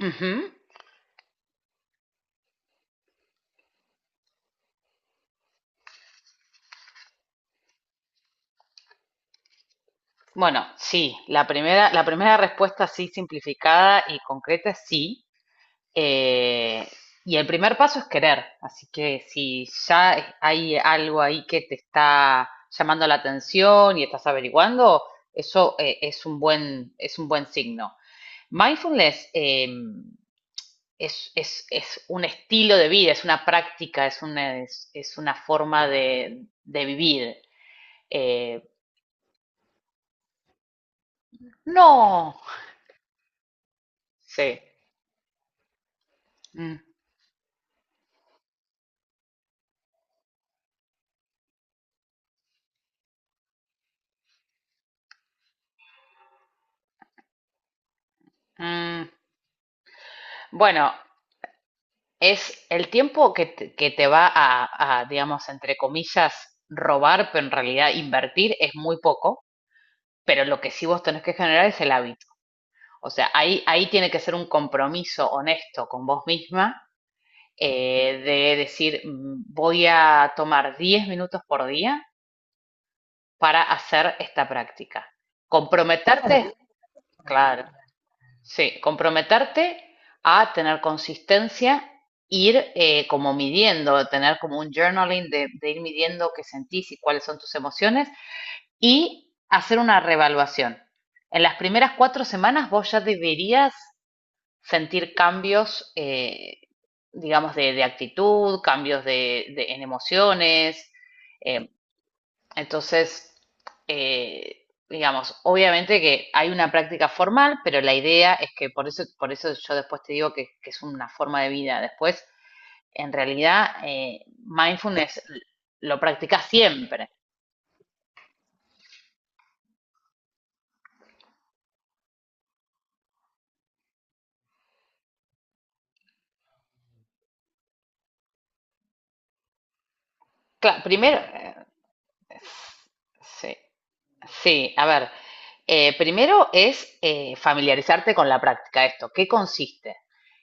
Ujú. Bueno, sí, la primera respuesta así simplificada y concreta es sí. Eh, y el primer paso es querer. Así que si ya hay algo ahí que te está llamando la atención y estás averiguando, eso es un buen signo. Mindfulness es un estilo de vida, es una práctica, es una forma de vivir. Eh, no, sí. Mm. Mm, bueno, es el tiempo que te va a, digamos, entre comillas, robar, pero en realidad invertir es muy poco, pero lo que sí vos tenés que generar es el hábito. O sea, ahí tiene que ser un compromiso honesto con vos misma de decir, Voy a tomar 10 minutos por día para hacer esta práctica." Claro, comprometerte, claro, sí, comprometerte a tener consistencia, ir como midiendo, tener como un journaling de ir midiendo qué sentís y cuáles son tus emociones y hacer una reevaluación. En las primeras 4 semanas vos ya deberías sentir cambios, digamos, de actitud, cambios en emociones, eh, entonces, digamos, obviamente que hay una práctica formal, pero la idea es que por eso yo después te digo que es una forma de vida. Después, en realidad, mindfulness lo practicas siempre. Claro, primero, sí, sí, a ver, primero es familiarizarte con la práctica de esto. ¿Qué consiste?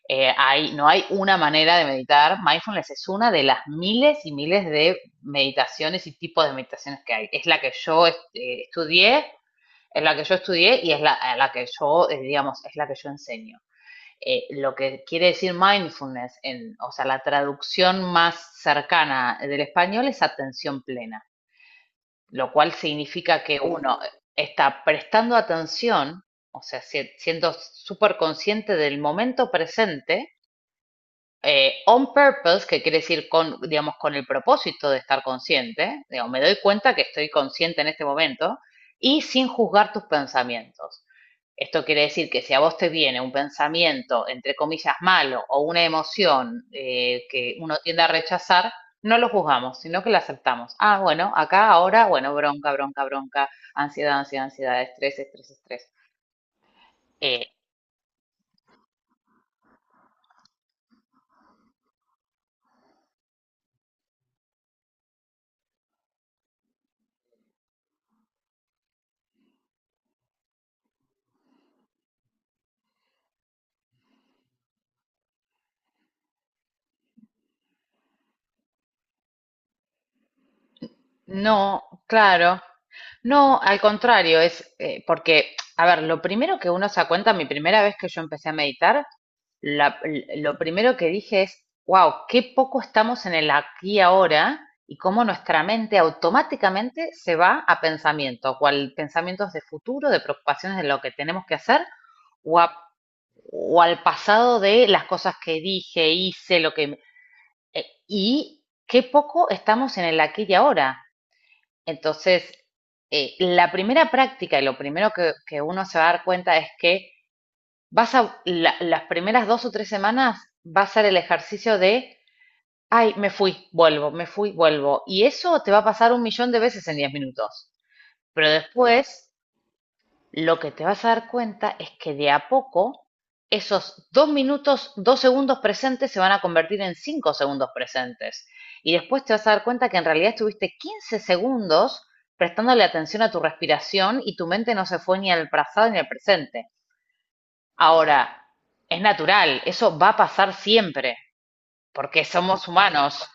No hay una manera de meditar. Mindfulness es una de las miles y miles de meditaciones y tipos de meditaciones que hay. Es la que yo estudié, es la que yo estudié y a la que yo, digamos, es la que yo enseño. Lo que quiere decir mindfulness, o sea, la traducción más cercana del español es atención plena, lo cual significa que uno está prestando atención, o sea, siendo súper consciente del momento presente, on purpose, que quiere decir digamos, con el propósito de estar consciente, digo, me doy cuenta que estoy consciente en este momento, y sin juzgar tus pensamientos. Esto quiere decir que si a vos te viene un pensamiento, entre comillas, malo o una emoción que uno tiende a rechazar, no lo juzgamos, sino que la aceptamos. Ah, bueno, acá ahora, bueno, bronca, bronca, bronca, ansiedad, ansiedad, ansiedad, estrés, estrés, estrés. Eh, No, claro. No, al contrario, es porque, a ver, lo primero que uno se da cuenta, mi primera vez que yo empecé a meditar, lo primero que dije es, wow, qué poco estamos en el aquí y ahora y cómo nuestra mente automáticamente se va a pensamientos, o al pensamientos de futuro, de preocupaciones de lo que tenemos que hacer, o, a- o al pasado de las cosas que dije, hice, y qué poco estamos en el aquí y ahora. Entonces, la primera práctica y lo primero que uno se va a dar cuenta es que las primeras 2 o 3 semanas va a ser el ejercicio de, ay, me fui, vuelvo, me fui, vuelvo. Y eso te va a pasar un millón de veces en 10 minutos. Pero después lo que te vas a dar cuenta es que de a poco esos 2 minutos, 2 segundos presentes se van a convertir en 5 segundos presentes. Y después te vas a dar cuenta que en realidad estuviste 15 segundos prestándole atención a tu respiración y tu mente no se fue ni al pasado ni al presente. Ahora, es natural, eso va a pasar siempre, porque somos humanos.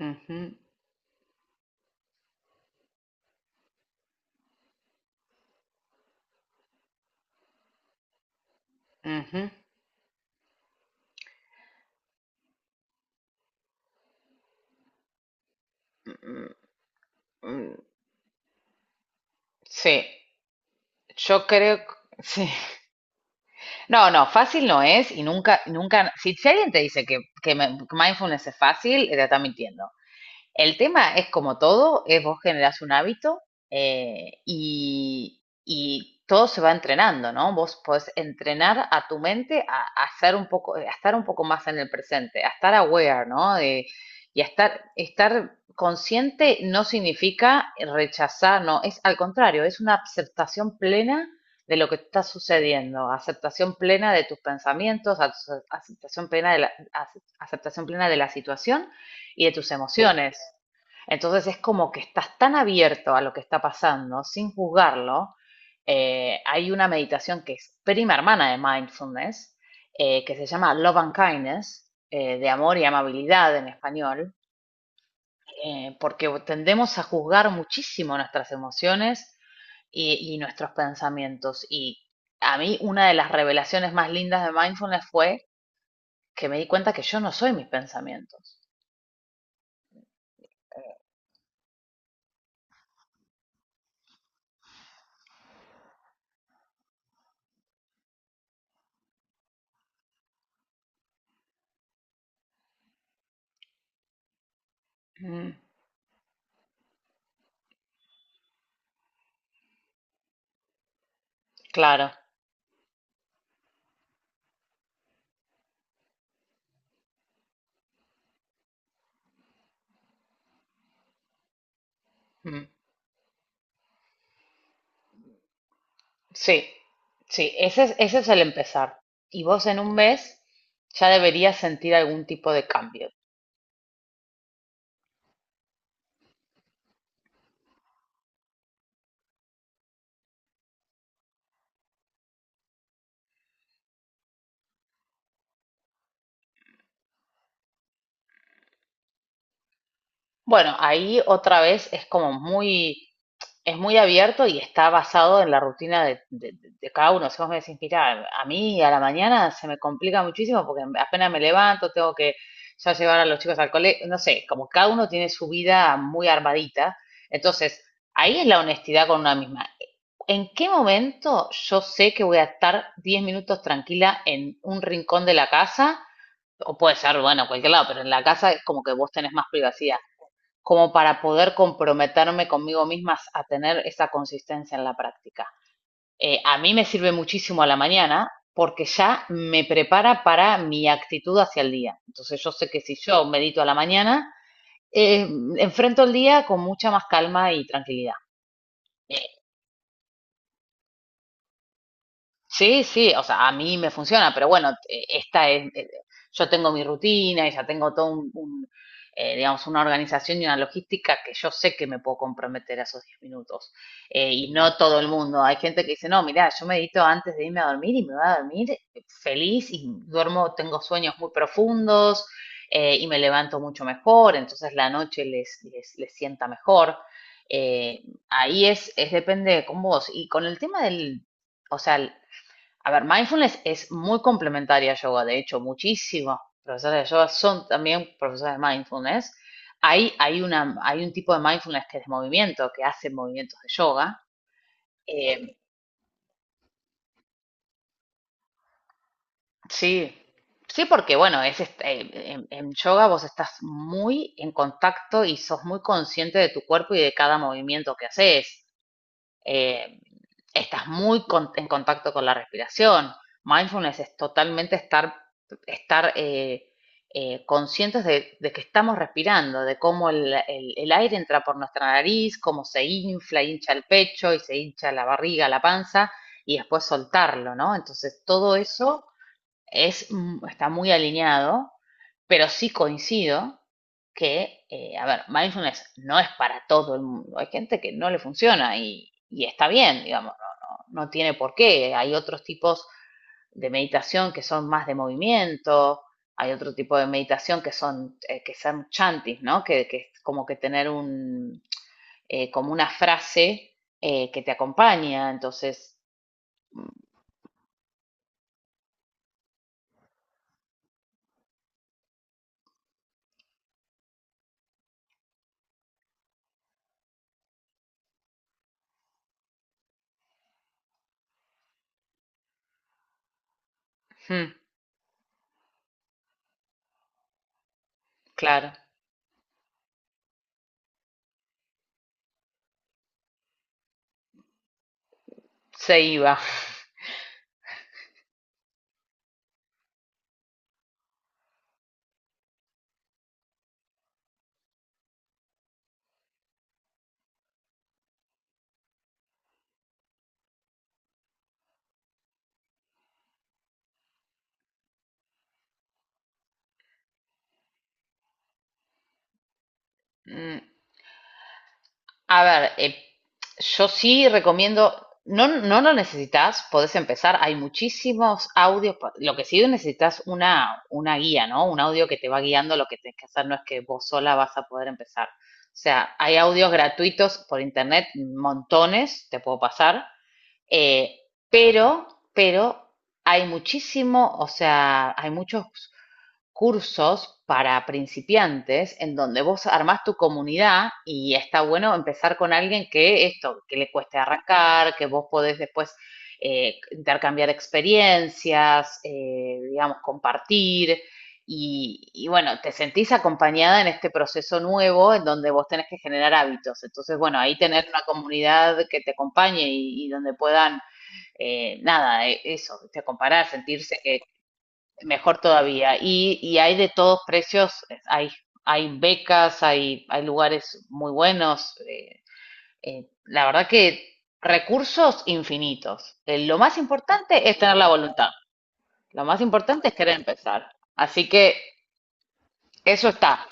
Ujú, ujú. Mm, mm. Sí, yo creo, sí. No, no, fácil no es y nunca, nunca, si alguien te dice que, que mindfulness es fácil, te está mintiendo. El tema es como todo, es vos generás un hábito y todo se va entrenando, ¿no? Vos podés entrenar a tu mente a ser un poco, a estar un poco más en el presente, a estar aware, ¿no? Y a estar consciente no significa rechazar, no, es al contrario, es una aceptación plena de lo que está sucediendo, aceptación plena de tus pensamientos, aceptación plena de la situación y de tus emociones. Entonces es como que estás tan abierto a lo que está pasando, sin juzgarlo. Hay una meditación que es prima hermana de mindfulness, que se llama Love and Kindness, de amor y amabilidad en español, porque tendemos a juzgar muchísimo nuestras emociones y nuestros pensamientos. Y a mí una de las revelaciones más lindas de mindfulness fue que me di cuenta que yo no soy mis pensamientos. Mm, claro. Mm. Sí, sí, ese es el empezar. Y vos en un mes ya deberías sentir algún tipo de cambio. Bueno, ahí otra vez es muy abierto y está basado en la rutina de cada uno. Si vos me decís, mira, a mí a la mañana se me complica muchísimo porque apenas me levanto, tengo que ya llevar a los chicos al colegio, no sé, como cada uno tiene su vida muy armadita. Entonces, ahí es la honestidad con una misma. ¿En qué momento yo sé que voy a estar 10 minutos tranquila en un rincón de la casa? O puede ser, bueno, cualquier lado, pero en la casa es como que vos tenés más privacidad, como para poder comprometerme conmigo misma a tener esa consistencia en la práctica. A mí me sirve muchísimo a la mañana porque ya me prepara para mi actitud hacia el día. Entonces yo sé que si yo medito a la mañana, eh, enfrento el día con mucha más calma y tranquilidad. Eh, Sí, sí, o sea, a mí me funciona, pero bueno, yo tengo mi rutina y ya tengo todo un, digamos, una organización y una logística que yo sé que me puedo comprometer a esos 10 minutos. Y no todo el mundo, hay gente que dice, no, mira, yo medito antes de irme a dormir y me voy a dormir feliz y duermo, tengo sueños muy profundos y me levanto mucho mejor, entonces la noche les sienta mejor. Eh, Ahí es depende con vos. Y con el tema del, o sea, a ver, mindfulness es muy complementaria a yoga, de hecho, muchísimos profesores de yoga son también profesores de mindfulness. Ahí hay un tipo de mindfulness que es de movimiento, que hace movimientos de yoga. Eh, sí, sí, porque bueno, en yoga vos estás muy en contacto y sos muy consciente de tu cuerpo y de cada movimiento que haces. eh, Estás muy en contacto con la respiración. Mindfulness es totalmente estar conscientes de que estamos respirando, de cómo el aire entra por nuestra nariz, cómo se infla, hincha el pecho y se hincha la barriga, la panza, y después soltarlo, ¿no? Entonces, todo eso está muy alineado, pero sí coincido que, a ver, mindfulness no es para todo el mundo. Hay gente que no le funciona y está bien, digamos, no, no, no tiene por qué. Hay otros tipos de meditación que son más de movimiento, hay otro tipo de meditación que son chantis, ¿no? Que es como que tener como una frase que te acompaña, entonces, hmm, claro, se iba. Mm, A ver, yo sí recomiendo, no, no lo necesitas, podés empezar, hay muchísimos audios, lo que sí necesitas una guía, ¿no? Un audio que te va guiando, lo que tenés que hacer no es que vos sola vas a poder empezar. O sea, hay audios gratuitos por internet, montones, te puedo pasar, eh, pero, pero hay muchísimo, o sea, hay muchos cursos para principiantes en donde vos armás tu comunidad y está bueno empezar con alguien que le cueste arrancar, que vos podés después intercambiar experiencias, digamos, compartir. Y bueno, te sentís acompañada en este proceso nuevo en donde vos tenés que generar hábitos. Entonces, bueno, ahí tener una comunidad que te acompañe y donde puedan, nada, eso, te comparar, sentirse que, mejor todavía. Y hay de todos precios, hay, hay becas, hay lugares muy buenos. La verdad que recursos infinitos. Lo más importante es tener la voluntad. Lo más importante es querer empezar. Así que eso está.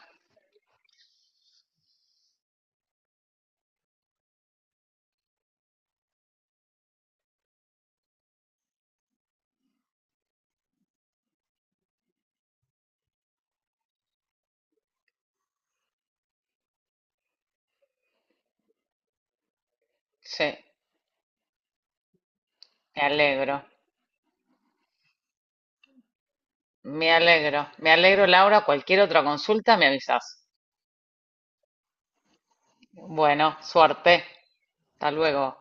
Sí, me alegro. Me alegro. Me alegro, Laura. Cualquier otra consulta me avisas. Bueno, suerte. Hasta luego.